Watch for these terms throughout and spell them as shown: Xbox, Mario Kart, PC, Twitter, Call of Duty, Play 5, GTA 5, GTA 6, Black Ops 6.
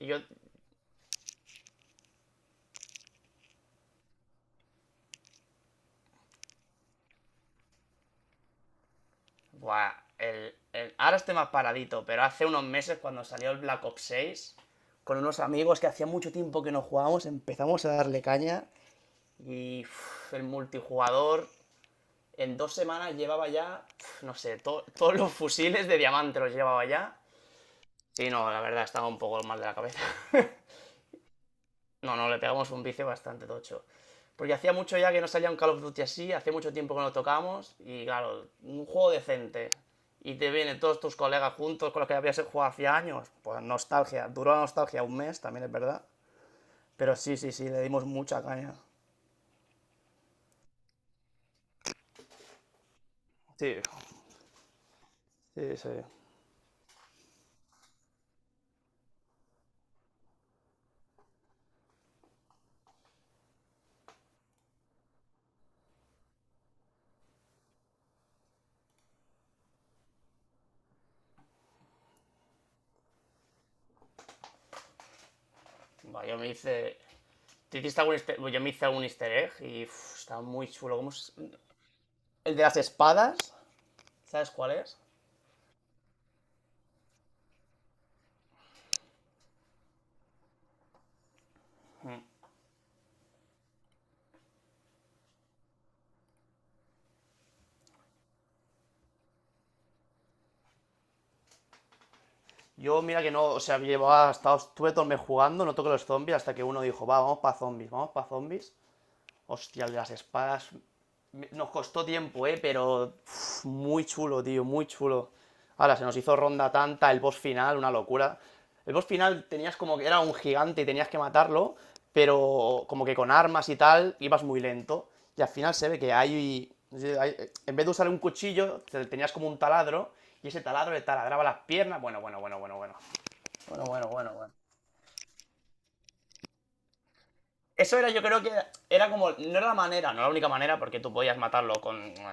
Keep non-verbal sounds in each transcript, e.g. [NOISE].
Yo. Buah, ahora estoy más paradito, pero hace unos meses cuando salió el Black Ops 6, con unos amigos que hacía mucho tiempo que no jugábamos, empezamos a darle caña y uf, el multijugador en dos semanas llevaba ya, no sé, todos los fusiles de diamante los llevaba ya. Sí, no, la verdad, estaba un poco mal de la cabeza. [LAUGHS] No, no, le pegamos un vicio bastante tocho. Porque hacía mucho ya que no salía un Call of Duty así, hacía mucho tiempo que no lo tocamos, y claro, un juego decente. Y te vienen todos tus colegas juntos con los que habías jugado hace años. Pues nostalgia, duró la nostalgia un mes, también es verdad. Pero sí, sí, sí, le dimos mucha caña. Sí. Sí, sí. Bueno, yo me hice. ¿Te hiciste algún easter... Yo me hice algún easter egg y uff, está muy chulo. ¿Cómo es? El de las espadas, ¿sabes cuál es? Yo, mira que no, o sea, llevaba, hasta, estuve todo el mes jugando, no toqué los zombies, hasta que uno dijo, va, vamos para zombies, vamos para zombies. Hostia, el de las espadas. Nos costó tiempo, pero uf, muy chulo, tío, muy chulo. Ahora, se nos hizo ronda tanta, el boss final, una locura. El boss final tenías como que era un gigante y tenías que matarlo, pero como que con armas y tal, ibas muy lento. Y al final se ve que hay- en vez de usar un cuchillo, tenías como un taladro, y ese taladro le taladraba las piernas. Bueno, bueno, bueno, bueno, bueno. Bueno, bueno, bueno, bueno. Eso era, yo creo que era como. No era la manera, no la única manera, porque tú podías matarlo con no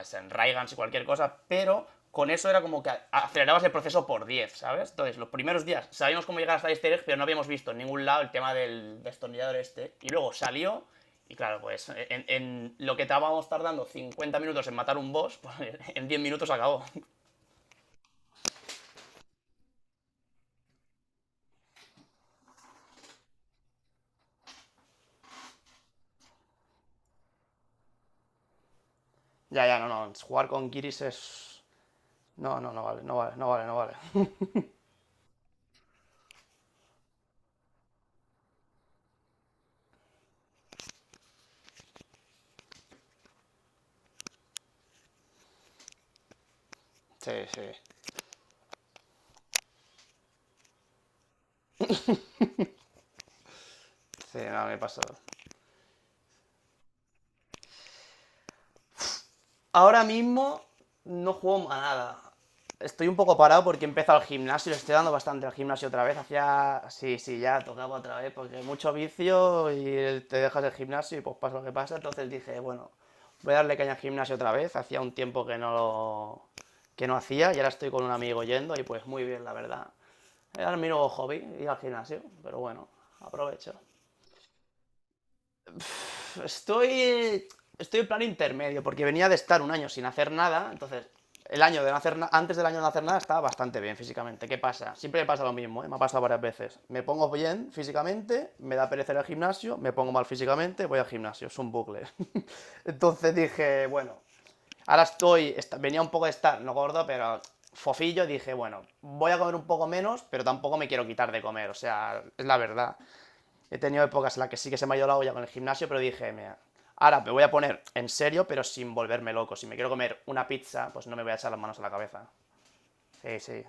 y cualquier cosa, pero con eso era como que acelerabas el proceso por 10, ¿sabes? Entonces, los primeros días sabíamos cómo llegar hasta Easter egg, pero no habíamos visto en ningún lado el tema del destornillador este. Y luego salió, y claro, pues en lo que estábamos tardando 50 minutos en matar un boss, [LAUGHS] pues en 10 minutos acabó. Ya, ya, no, no. Jugar con Kiris es. No, no, no vale, no vale, no vale, no vale. [LAUGHS] Sí, sí. Sí, no, me pasó. Ahora mismo no juego a nada. Estoy un poco parado porque he empezado el gimnasio, le estoy dando bastante al gimnasio otra vez. Hacía. Sí, sí, ya tocaba otra vez porque mucho vicio y te dejas el gimnasio y pues pasa lo que pasa. Entonces dije, bueno, voy a darle caña al gimnasio otra vez. Hacía un tiempo que no lo, que no hacía, y ahora estoy con un amigo yendo y pues muy bien, la verdad. Era mi nuevo hobby, ir al gimnasio, pero bueno, aprovecho. Estoy. Estoy en plan intermedio, porque venía de estar un año sin hacer nada, entonces. El año de no hacer antes del año de no hacer nada estaba bastante bien físicamente. ¿Qué pasa? Siempre me pasa lo mismo, ¿eh? Me ha pasado varias veces. Me pongo bien físicamente, me da pereza ir al gimnasio, me pongo mal físicamente, voy al gimnasio, es un bucle. [LAUGHS] Entonces dije, bueno, ahora estoy, venía un poco de estar, no gordo, pero fofillo, dije, bueno, voy a comer un poco menos, pero tampoco me quiero quitar de comer, o sea, es la verdad. He tenido épocas en las que sí que se me ha ido la olla con el gimnasio, pero dije, mira, ahora me voy a poner en serio, pero sin volverme loco. Si me quiero comer una pizza, pues no me voy a echar las manos a la cabeza. Sí, sí.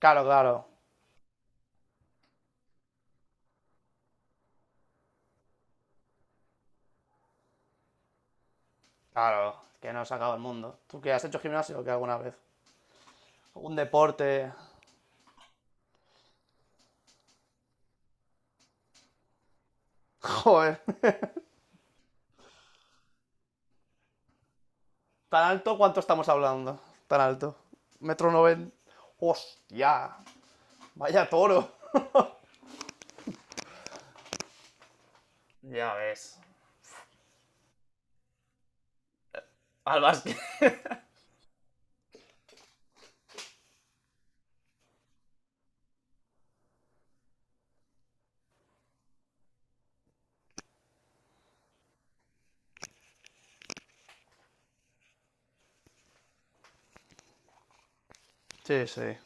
Claro, claro. Claro. Que no se acaba el mundo. ¿Tú qué has hecho gimnasio o qué alguna vez? Un deporte. [LAUGHS] Joder. ¿Tan alto cuánto estamos hablando? Tan alto. Metro noventa. ¡Hostia! Vaya toro. Ya ves. Al básquet. Sí, sí.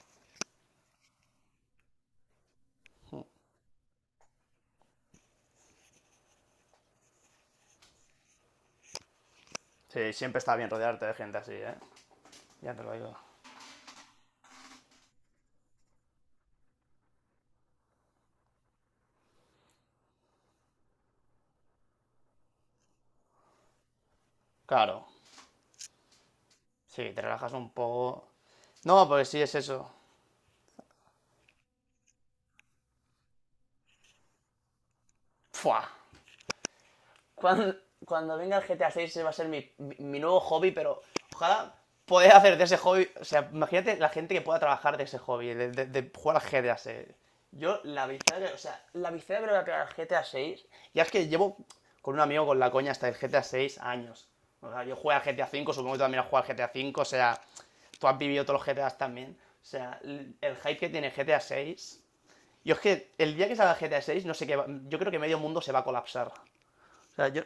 Sí, siempre está bien rodearte de gente así, ¿eh? Ya te lo digo. Claro. Sí, te relajas un poco. No, porque sí es eso. Fua. Cuando, cuando venga el GTA 6, ese va a ser mi nuevo hobby, pero ojalá poder hacer de ese hobby. O sea, imagínate la gente que pueda trabajar de ese hobby, de, de jugar al GTA seis. Yo, la victoria, o sea, la victoria que le voy a pegar al GTA seis, ya es que llevo con un amigo con la coña hasta el GTA seis años. O sea, yo jugué al GTA cinco, supongo que tú también has jugado al GTA cinco. O sea, tú has vivido todos los GTAs también. O sea, el hype que tiene GTA seis. Yo es que el día que salga GTA seis no sé qué, yo creo que medio mundo se va a colapsar. O sea, yo,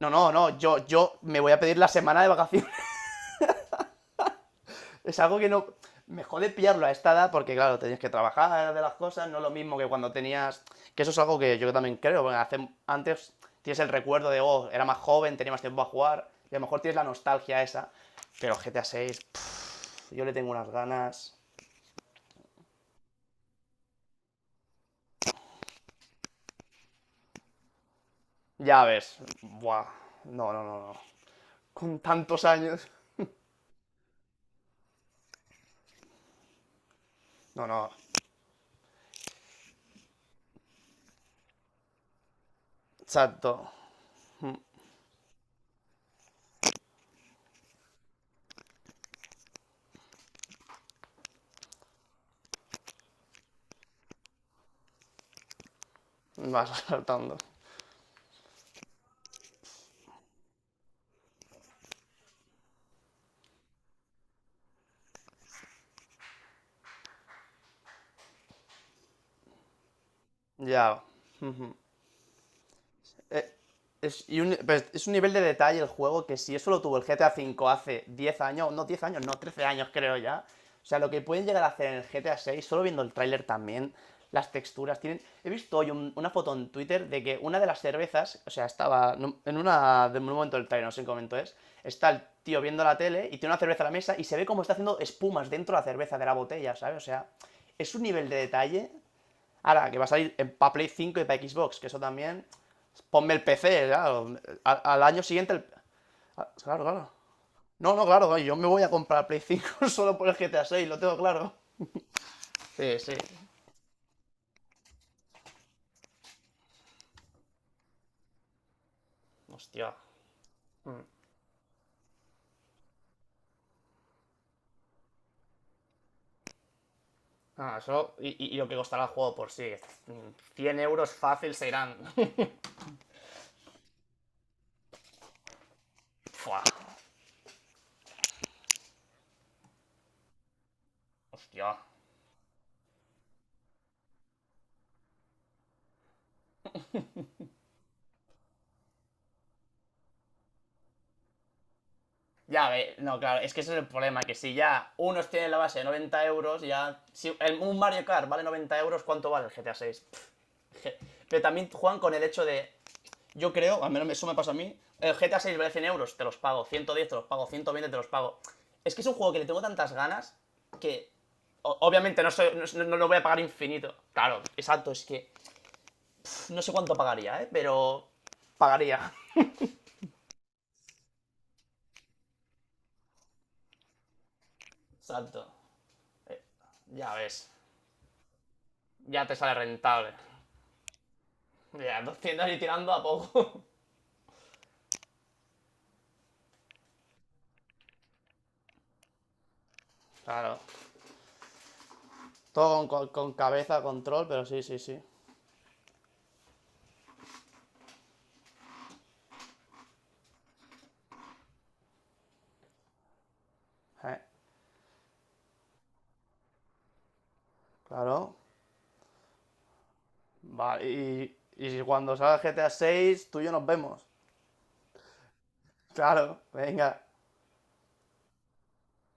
no, no, no, yo me voy a pedir la semana de vacaciones. [LAUGHS] Es algo que no... Me jode pillarlo a esta edad porque, claro, tenías que trabajar de las cosas, no es lo mismo que cuando tenías... Que eso es algo que yo también creo, porque antes tienes el recuerdo de, oh, era más joven, tenía más tiempo a jugar, y a lo mejor tienes la nostalgia esa. Pero GTA 6, yo le tengo unas ganas... Ya ves, buah, no, no, no, no. Con tantos años... No, no, exacto. Vas [LAUGHS] saltando. Ya. Ujú. Eh, es un nivel de detalle el juego que si eso lo tuvo el GTA V hace 10 años, no 13 años creo ya. O sea, lo que pueden llegar a hacer en el GTA 6, solo viendo el tráiler también, las texturas, tienen... He visto hoy una foto en Twitter de que una de las cervezas, o sea, estaba en una... de un momento del tráiler, no sé en qué momento es, está el tío viendo la tele y tiene una cerveza a la mesa y se ve como está haciendo espumas dentro de la cerveza de la botella, ¿sabes? O sea, es un nivel de detalle. Ahora, que va a salir para Play 5 y para Xbox, que eso también. Ponme el PC, claro. Al, al año siguiente. Claro, claro. No, no, claro, yo me voy a comprar Play 5 [LAUGHS] solo por el GTA 6, lo tengo claro. Sí, sí. Hostia. Mm. Ah, eso. Y, lo que costará el juego por sí. 100 euros fácil serán. [LAUGHS] Fua. Hostia. Ya, ve, no, claro, es que ese es el problema, que si ya unos tienen la base de 90 euros, ya... Si un Mario Kart vale 90 euros, ¿cuánto vale el GTA 6? [LAUGHS] Pero también juegan con el hecho de, yo creo, al menos eso me pasa a mí, el GTA seis vale 100 euros, te los pago, 110 te los pago, 120 te los pago. Es que es un juego que le tengo tantas ganas que o- obviamente no, soy- no, no lo voy a pagar infinito. Claro, exacto, es que no sé cuánto pagaría, ¿eh? Pero pagaría. Exacto, ya ves, ya te sale rentable. Ya, 200 y tirando a poco. [LAUGHS] Claro. Todo con, con cabeza, control, pero sí, sí, sí. Eh, claro. Vale, y si cuando salga GTA seis tú y yo nos vemos. Claro, venga,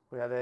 cuídate.